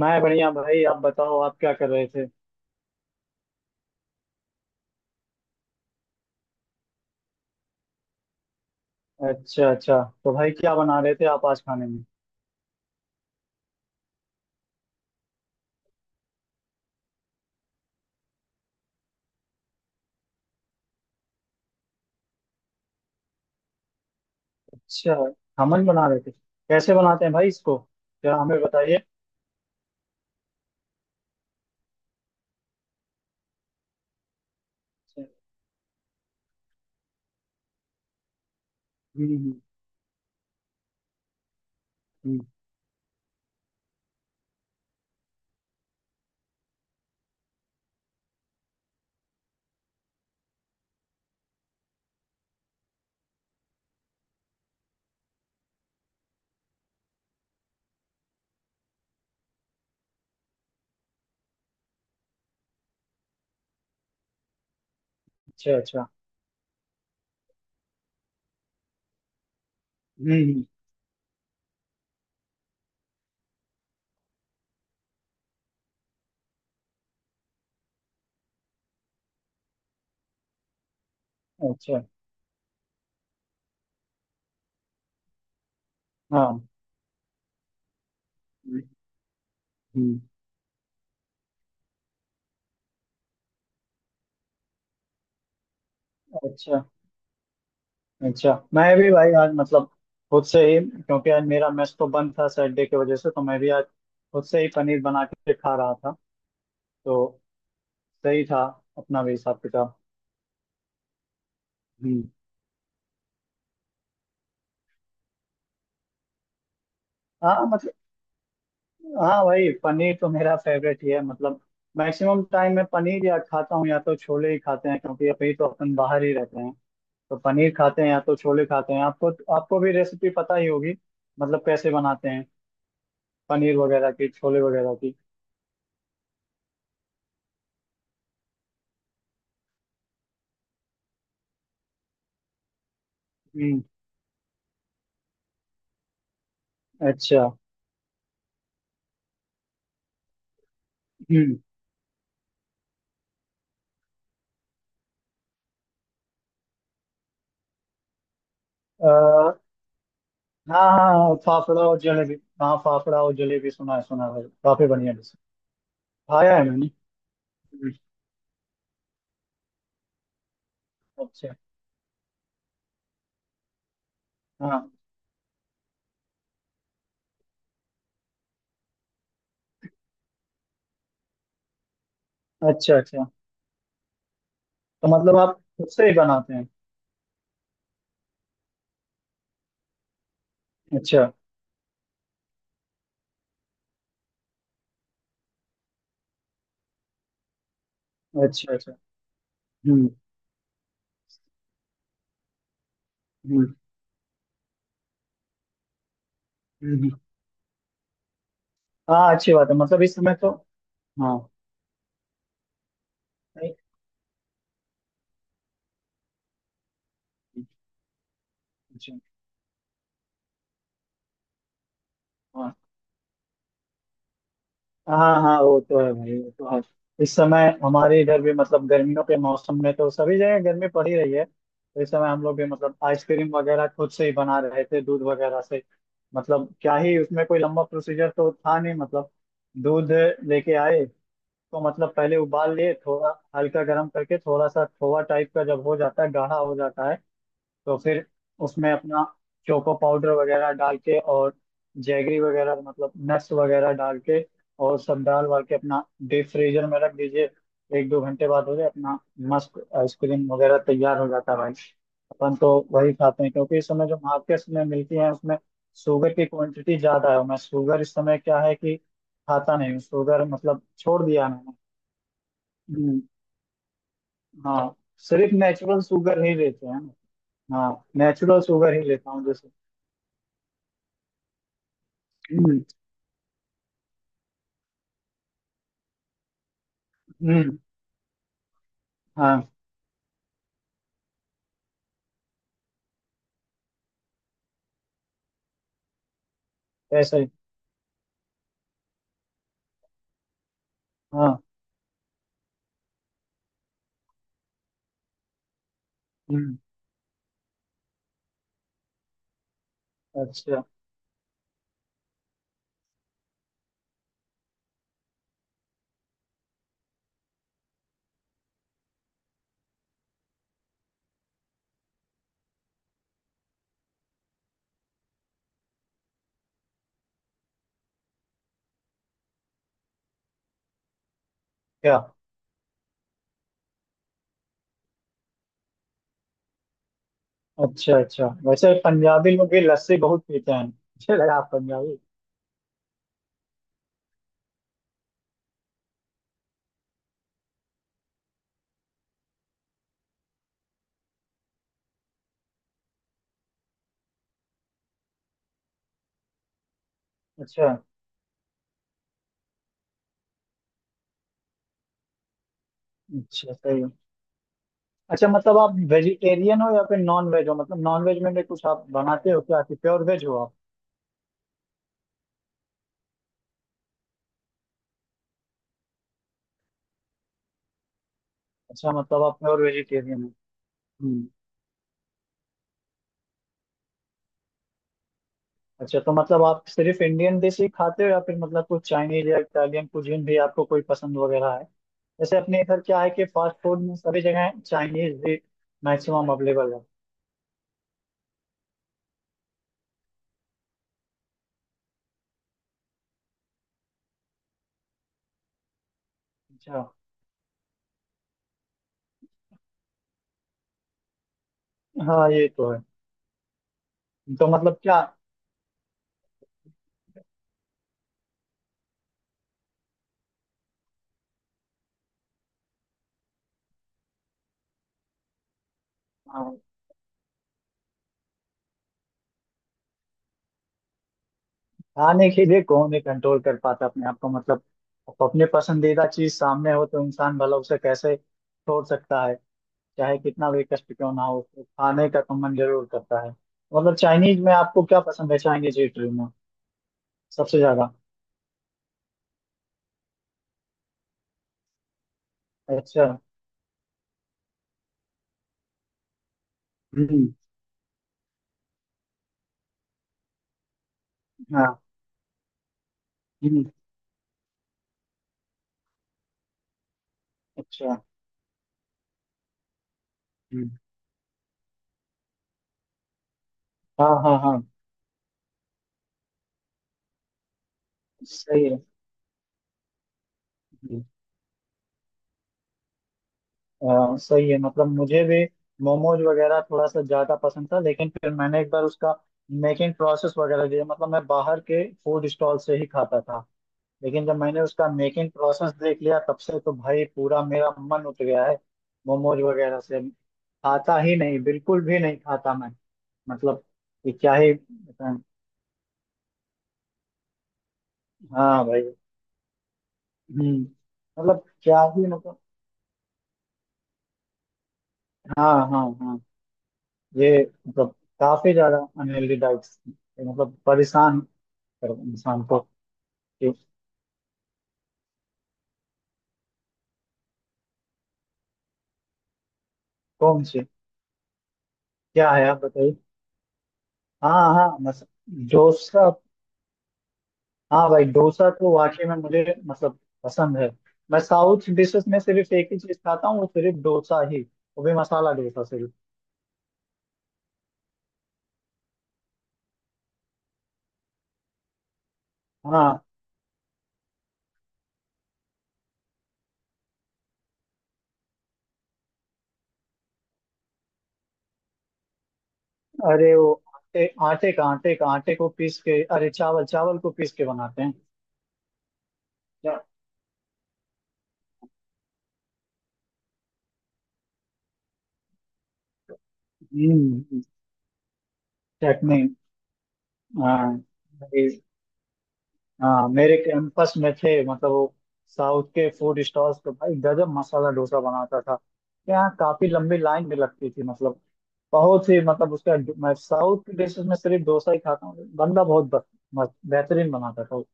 मैं बढ़िया भाई। आप बताओ, आप क्या कर रहे थे? अच्छा अच्छा, तो भाई क्या बना रहे थे आप आज खाने में? अच्छा, खमन बना रहे थे। कैसे बनाते हैं भाई इसको, क्या हमें बताइए। अच्छा। हम्म, हम्म, हम्म, अच्छा अच्छा। हम्म, अच्छा। हाँ। हम्म, हम्म, अच्छा अच्छा। मैं भी भाई आज खुद से ही, क्योंकि आज मेरा मेस तो बंद था सैटरडे की वजह से, तो मैं भी आज खुद से ही पनीर बना के खा रहा था। तो सही था अपना भी हिसाब किताब। हम्म। हाँ मतलब, हाँ भाई पनीर तो मेरा फेवरेट ही है। मैक्सिमम टाइम मैं पनीर या खाता हूँ या तो छोले ही खाते हैं, क्योंकि अभी तो अपन बाहर ही रहते हैं। तो पनीर खाते हैं या तो छोले खाते हैं। आपको, आपको भी रेसिपी पता ही होगी कैसे बनाते हैं पनीर वगैरह की, छोले वगैरह की। हम्म। अच्छा। हम्म। अह, हाँ हाँ, फाफड़ा और जलेबी। हाँ फाफड़ा और जलेबी, सुना है, सुना है भाई। काफी बढ़िया डिश है। खाया है मैंने। हम्म, अच्छा। हाँ। अच्छा अच्छा, तो आप खुद से ही बनाते हैं? अच्छा अच्छा। अच्छा। हम्म। हम्म, हम्म। हाँ अच्छी बात है, इस समय तो। हाँ। नहीं, अच्छा, हाँ हाँ, हाँ वो तो है भाई, वो तो है। इस समय हमारे इधर भी गर्मियों के मौसम में तो सभी जगह गर्मी पड़ ही रही है, तो इस समय हम लोग भी आइसक्रीम वगैरह खुद से ही बना रहे थे दूध वगैरह से। क्या ही उसमें कोई लंबा प्रोसीजर तो था नहीं। दूध लेके आए, तो पहले उबाल लिए थोड़ा, हल्का गर्म करके, थोड़ा सा खोआ टाइप का जब हो जाता है, गाढ़ा हो जाता है, तो फिर उसमें अपना चोको पाउडर वगैरह डाल के, और जैगरी वगैरह नट्स वगैरह डाल के, और सब डाल वाल के अपना डीप फ्रीजर में रख दीजिए। एक दो घंटे बाद हो जाए अपना मस्त आइसक्रीम वगैरह तैयार हो जाता है भाई। अपन तो वही खाते हैं, क्योंकि इस समय जो मार्केट्स में मिलती है उसमें शुगर की क्वांटिटी ज्यादा है। और मैं शुगर इस समय, क्या है कि, खाता नहीं हूँ शुगर, छोड़ दिया मैंने। हम्म, हाँ, सिर्फ नेचुरल शुगर ही लेते हैं ना। हाँ नेचुरल शुगर ही लेता हूँ जैसे। हम्म। हम्म, हाँ। ऐसे ही, हाँ। हम्म। अच्छा। क्या? अच्छा अच्छा, वैसे पंजाबी लोग भी लस्सी बहुत पीते हैं, मुझे लगा आप पंजाबी। अच्छा अच्छा, सही है। अच्छा आप वेजिटेरियन हो या फिर नॉन वेज हो, नॉन वेज में भी कुछ आप बनाते हो क्या, कि प्योर वेज हो आप? अच्छा आप प्योर वेजिटेरियन हो? हम्म। अच्छा, तो आप सिर्फ इंडियन डिश ही खाते हो या फिर कुछ चाइनीज या इटालियन कुजीन भी आपको कोई पसंद वगैरह है? जैसे अपने इधर क्या है कि फास्ट फूड में सभी जगह चाइनीज भी मैक्सिमम अवेलेबल है। अच्छा। हाँ ये तो है। तो क्या, हाँ, खाने के लिए कौन ही कंट्रोल कर पाता अपने आप को, अपने पसंदीदा चीज सामने हो तो इंसान भला उसे कैसे छोड़ सकता है। चाहे कितना भी कष्ट क्यों ना हो तो खाने का तो मन जरूर करता है। चाइनीज में आपको क्या पसंद है, चाइनीज इटली में सबसे ज्यादा? अच्छा। हम्म। हाँ। हम्म। अच्छा। हम्म, हाँ हाँ हाँ, सही है। सही है, मुझे भी मोमोज वगैरह थोड़ा सा ज्यादा पसंद था, लेकिन फिर मैंने एक बार उसका मेकिंग प्रोसेस वगैरह दिया। मैं बाहर के फूड स्टॉल से ही खाता था, लेकिन जब मैंने उसका मेकिंग प्रोसेस देख लिया तब से तो भाई पूरा मेरा मन उठ गया है। मोमोज वगैरह से खाता ही नहीं, बिल्कुल भी नहीं खाता मैं मतलब कि क्या ही। हाँ भाई। हम्म। क्या ही, हाँ हाँ हाँ, ये, मतलब काफी ज्यादा अनहेल्दी डाइट, परेशान पर इंसान को। ये कौन सी? क्या है, आप बताइए। हाँ हाँ मस, डोसा। हाँ भाई डोसा तो वाकई में मुझे पसंद है। मैं साउथ डिशेस में सिर्फ एक ही चीज खाता हूँ, वो सिर्फ डोसा ही, वो भी मसाला डोसा सिर्फ। हाँ। अरे वो आटे आटे का आटे का आटे को पीस के, अरे चावल चावल को पीस के बनाते हैं। क्या-। हम्म। चटनी। हाँ हाँ, मेरे कैंपस में थे वो साउथ के फूड स्टॉल्स, तो भाई गजब मसाला डोसा बनाता था। यहाँ काफी लंबी लाइन भी लगती थी बहुत ही उसका। मैं साउथ की डिशेस में सिर्फ डोसा ही खाता हूँ। बंदा बहुत ब-, मस्त-, बेहतरीन बनाता था वो।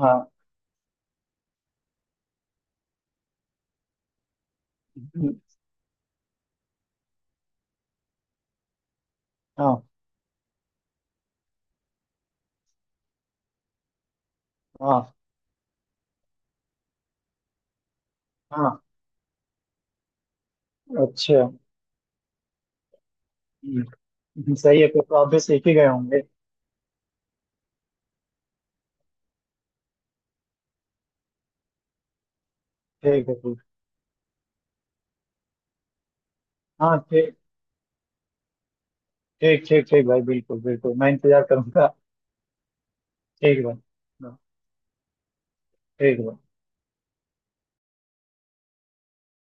हाँ। हम्म, हाँ हाँ हाँ, अच्छा। सही है, फिर तो आप भी सीख ही गए होंगे। ठीक है, ठीक। हाँ ठीक, ठीक ठीक ठीक भाई, बिल्कुल बिल्कुल, मैं इंतजार करूंगा। ठीक है भाई। हाँ, ठीक है भाई।